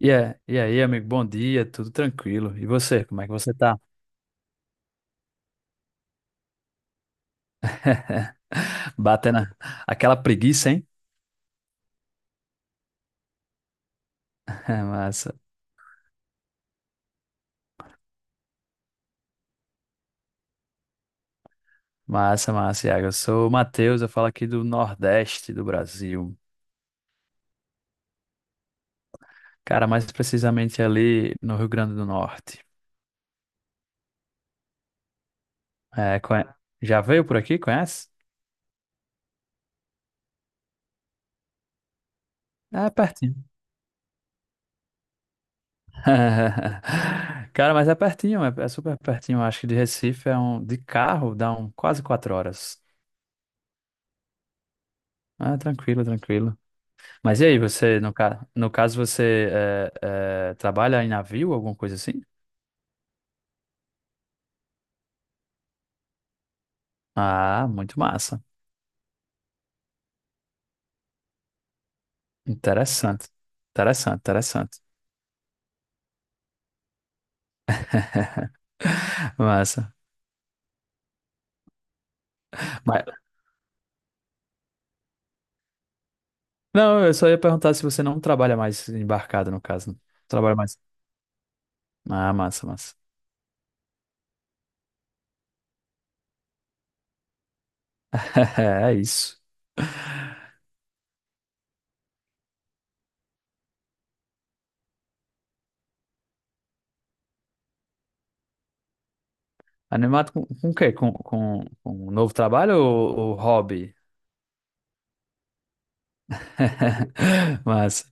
E aí, amigo, bom dia, tudo tranquilo. E você, como é que você tá? Batendo aquela preguiça, hein? Massa, massa, massa, Iago. Eu sou o Matheus, eu falo aqui do Nordeste do Brasil. Cara, mais precisamente ali no Rio Grande do Norte. É. Já veio por aqui, conhece? É pertinho. Cara, mas é pertinho, é, é super pertinho. Acho que de Recife De carro dá um quase 4 horas. Ah, tranquilo, tranquilo. Mas e aí, você, no caso, você trabalha em navio, alguma coisa assim? Ah, muito massa. Interessante. Interessante, interessante. Massa. Mas. Não, eu só ia perguntar se você não trabalha mais embarcado, no caso. Não. Trabalha mais. Ah, massa, massa. É isso. Animado com o quê? Com um novo trabalho ou hobby? Massa.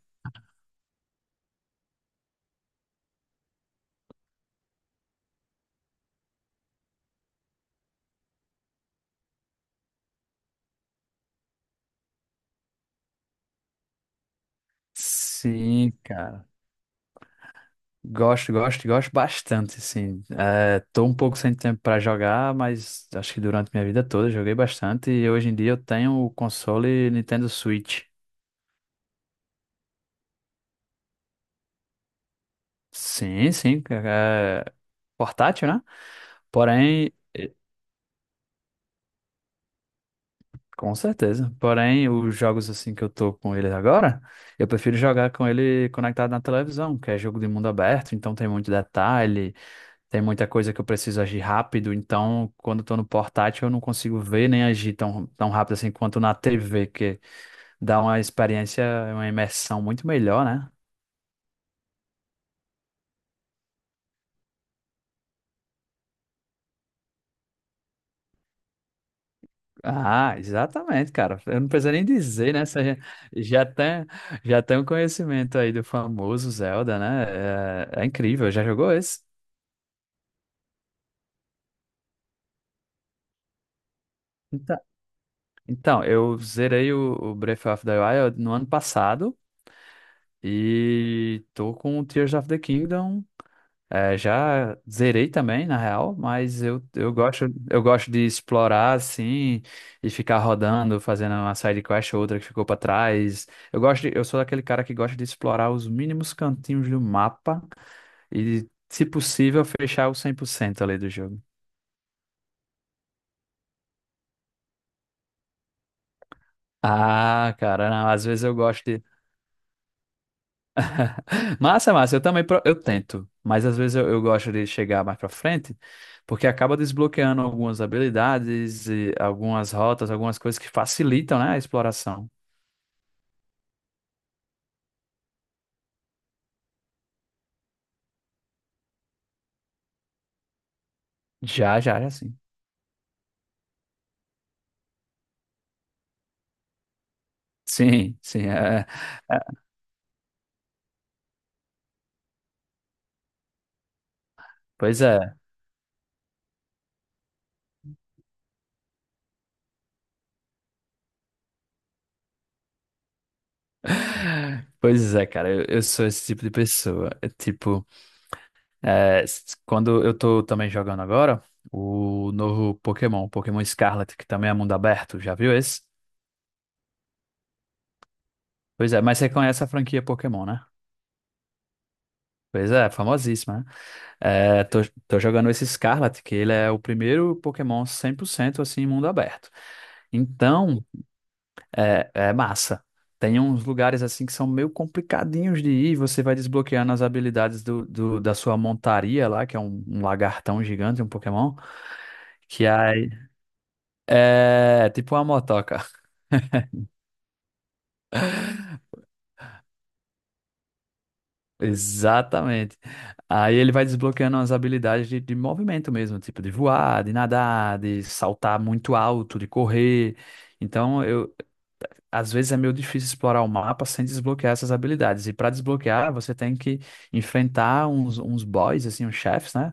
Sim, cara. Gosto, gosto, gosto bastante, sim. É, tô um pouco sem tempo para jogar, mas acho que durante minha vida toda eu joguei bastante e hoje em dia eu tenho o console Nintendo Switch. Sim, sim, é portátil, né? Porém. Com certeza. Porém, os jogos assim que eu tô com ele agora, eu prefiro jogar com ele conectado na televisão, que é jogo de mundo aberto, então tem muito detalhe, tem muita coisa que eu preciso agir rápido, então quando eu tô no portátil eu não consigo ver nem agir tão, tão rápido assim quanto na TV, que dá uma experiência, uma imersão muito melhor, né? Ah, exatamente, cara. Eu não preciso nem dizer, né? Você já já tem, já tem um conhecimento aí do famoso Zelda, né? É, é incrível. Já jogou esse? Então, eu zerei o Breath of the Wild no ano passado e tô com o Tears of the Kingdom. É, já zerei também, na real, mas eu gosto, eu gosto de explorar assim e ficar rodando, fazendo uma side quest ou outra que ficou pra trás. Eu sou daquele cara que gosta de explorar os mínimos cantinhos do mapa e, se possível, fechar o 100% ali do jogo. Ah, cara, não, às vezes eu gosto de. Massa, massa. Eu também eu tento, mas às vezes eu gosto de chegar mais pra frente, porque acaba desbloqueando algumas habilidades, e algumas rotas, algumas coisas que facilitam, né, a exploração. Já, já, já sim. Sim, sim. É, é, pois é. Pois é, cara, eu sou esse tipo de pessoa. É tipo, é, quando eu tô também jogando agora, o novo Pokémon, Pokémon Scarlet, que também é mundo aberto, já viu esse? Pois é, mas você conhece a franquia Pokémon, né? Pois é, famosíssima, né? É, tô jogando esse Scarlet, que ele é o primeiro Pokémon 100% assim, em mundo aberto. Então, é massa. Tem uns lugares assim que são meio complicadinhos de ir, você vai desbloqueando as habilidades da sua montaria lá, que é um lagartão gigante, um Pokémon, que aí é tipo uma motoca. Exatamente. Aí ele vai desbloqueando as habilidades de movimento mesmo, tipo de voar, de nadar, de saltar muito alto, de correr. Então, às vezes é meio difícil explorar o mapa sem desbloquear essas habilidades. E para desbloquear, você tem que enfrentar uns boys, assim, uns chefes, né?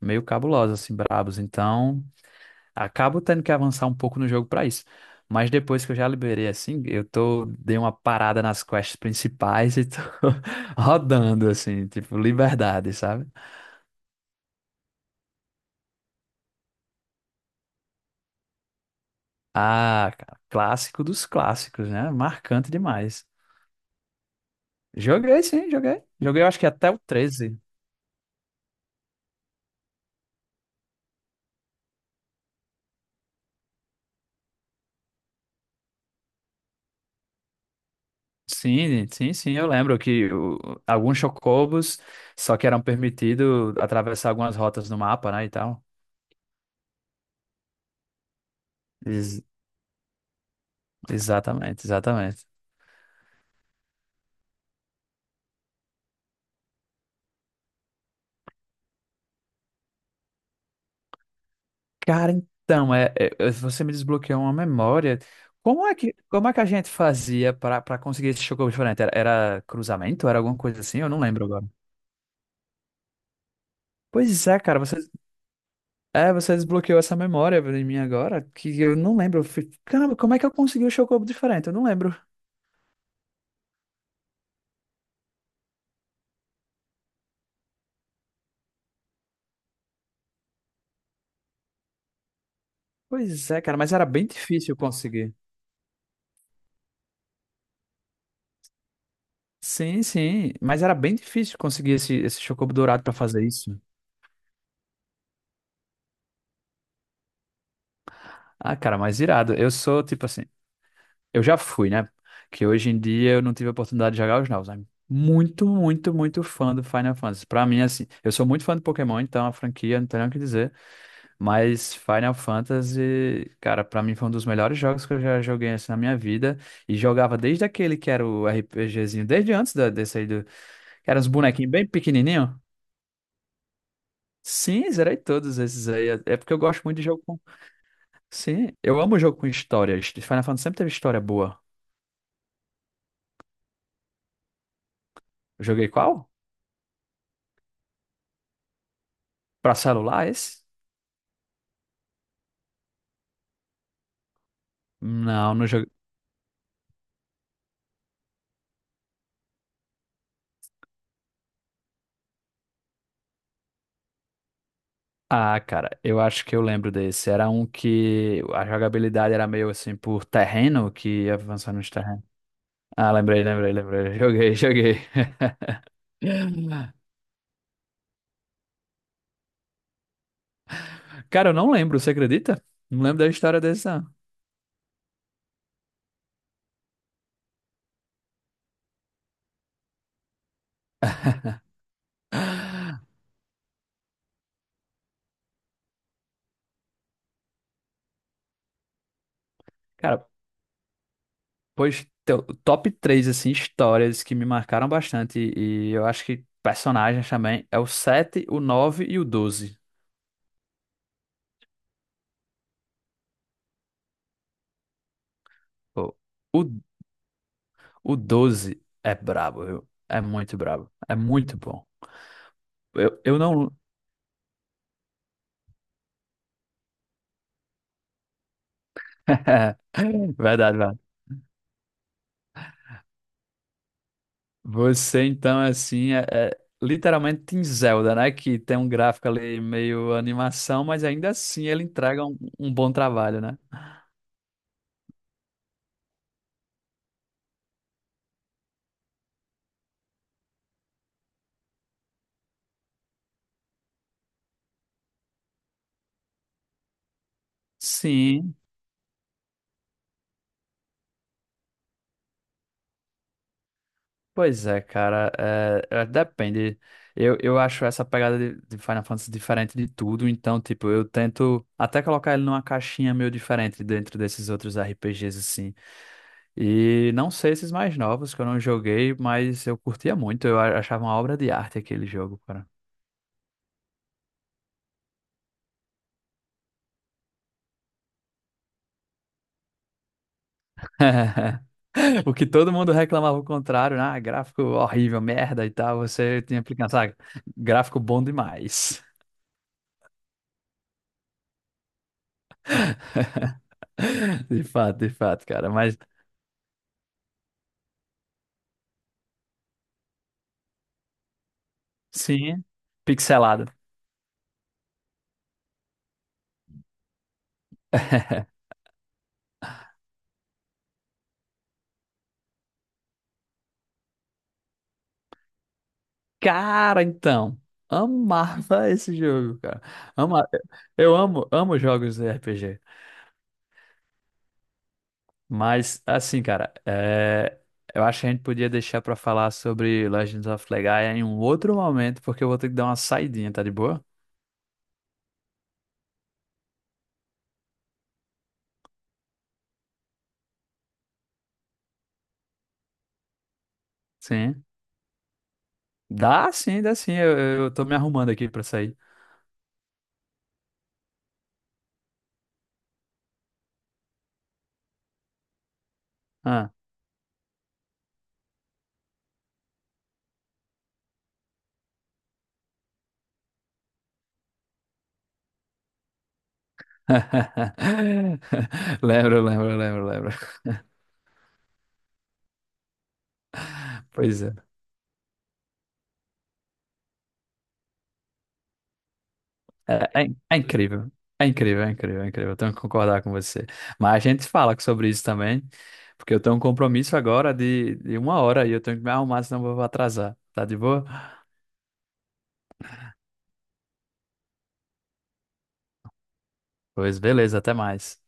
Meio cabulosos, assim, brabos. Então, acabo tendo que avançar um pouco no jogo para isso. Mas depois que eu já liberei, assim, dei uma parada nas quests principais e tô rodando, assim, tipo, liberdade, sabe? Ah, cara, clássico dos clássicos, né? Marcante demais. Joguei, sim, joguei. Joguei, eu acho que até o 13. Sim, sim, sim, eu lembro que alguns chocobos só que eram permitidos atravessar algumas rotas no mapa, né, e tal. Ex- Exatamente, exatamente. Cara, então, você me desbloqueou uma memória. Como é que a gente fazia para conseguir esse chocobo diferente? Era cruzamento? Era alguma coisa assim? Eu não lembro agora. Pois é, cara, você desbloqueou essa memória em mim agora, que eu não lembro. Eu fui, caramba, como é que eu consegui o chocobo diferente? Eu não lembro. Pois é, cara, mas era bem difícil conseguir. Sim, sim. Mas era bem difícil conseguir esse chocobo dourado pra fazer isso. Ah, cara, mas irado. Eu sou tipo assim. Eu já fui, né? Que hoje em dia eu não tive a oportunidade de jogar os novos. Mas muito, muito, muito fã do Final Fantasy. Pra mim, assim, eu sou muito fã do Pokémon, então a franquia não tem nem o que dizer. Mas Final Fantasy, cara, pra mim foi um dos melhores jogos que eu já joguei assim, na minha vida. E jogava desde aquele que era o RPGzinho, desde antes da, desse aí do. Que eram uns bonequinhos bem pequenininhos. Sim, zerei todos esses aí. É porque eu gosto muito de jogo com. Sim, eu amo jogo com história. Final Fantasy sempre teve história boa. Joguei qual? Pra celular, esse? Não, não joguei. Ah, cara, eu acho que eu lembro desse. Era um que a jogabilidade era meio assim por terreno, que ia avançando nos terrenos. Ah, lembrei, lembrei, lembrei. Joguei, joguei. Cara, eu não lembro, você acredita? Não lembro da história desse, não. Cara, pois, top três assim, histórias que me marcaram bastante, e eu acho que personagens também, é o 7 o 9 e o 12. Pô, o, o 12 é brabo, viu? É muito brabo. É muito bom. Eu não. Verdade, verdade. Você, então, assim, é literalmente em Zelda, né? Que tem um gráfico ali meio animação, mas ainda assim ele entrega um bom trabalho, né? Sim. Pois é, cara, depende. Eu acho essa pegada de Final Fantasy diferente de tudo, então, tipo, eu tento até colocar ele numa caixinha meio diferente dentro desses outros RPGs, assim. E não sei esses mais novos que eu não joguei, mas eu curtia muito, eu achava uma obra de arte aquele jogo, cara. O que todo mundo reclamava o contrário, né? Ah, gráfico horrível, merda e tal, você tinha que pensar, "Ah, gráfico bom demais. De fato, cara. Mas. Sim, pixelado. Cara, então, amava esse jogo, cara. Ama... Eu amo, amo jogos de RPG. Mas, assim, cara, é, eu acho que a gente podia deixar pra falar sobre Legends of Legaia em um outro momento, porque eu vou ter que dar uma saidinha, tá de boa? Sim. Dá sim, dá sim. Eu tô me arrumando aqui pra sair. Ah. Lembro, lembro, lembro, lembro. Pois é. É incrível. É incrível, é incrível, é incrível. Eu tenho que concordar com você. Mas a gente fala sobre isso também, porque eu tenho um compromisso agora de 1 hora e eu tenho que me arrumar, senão eu vou atrasar. Tá de boa? Pois beleza, até mais.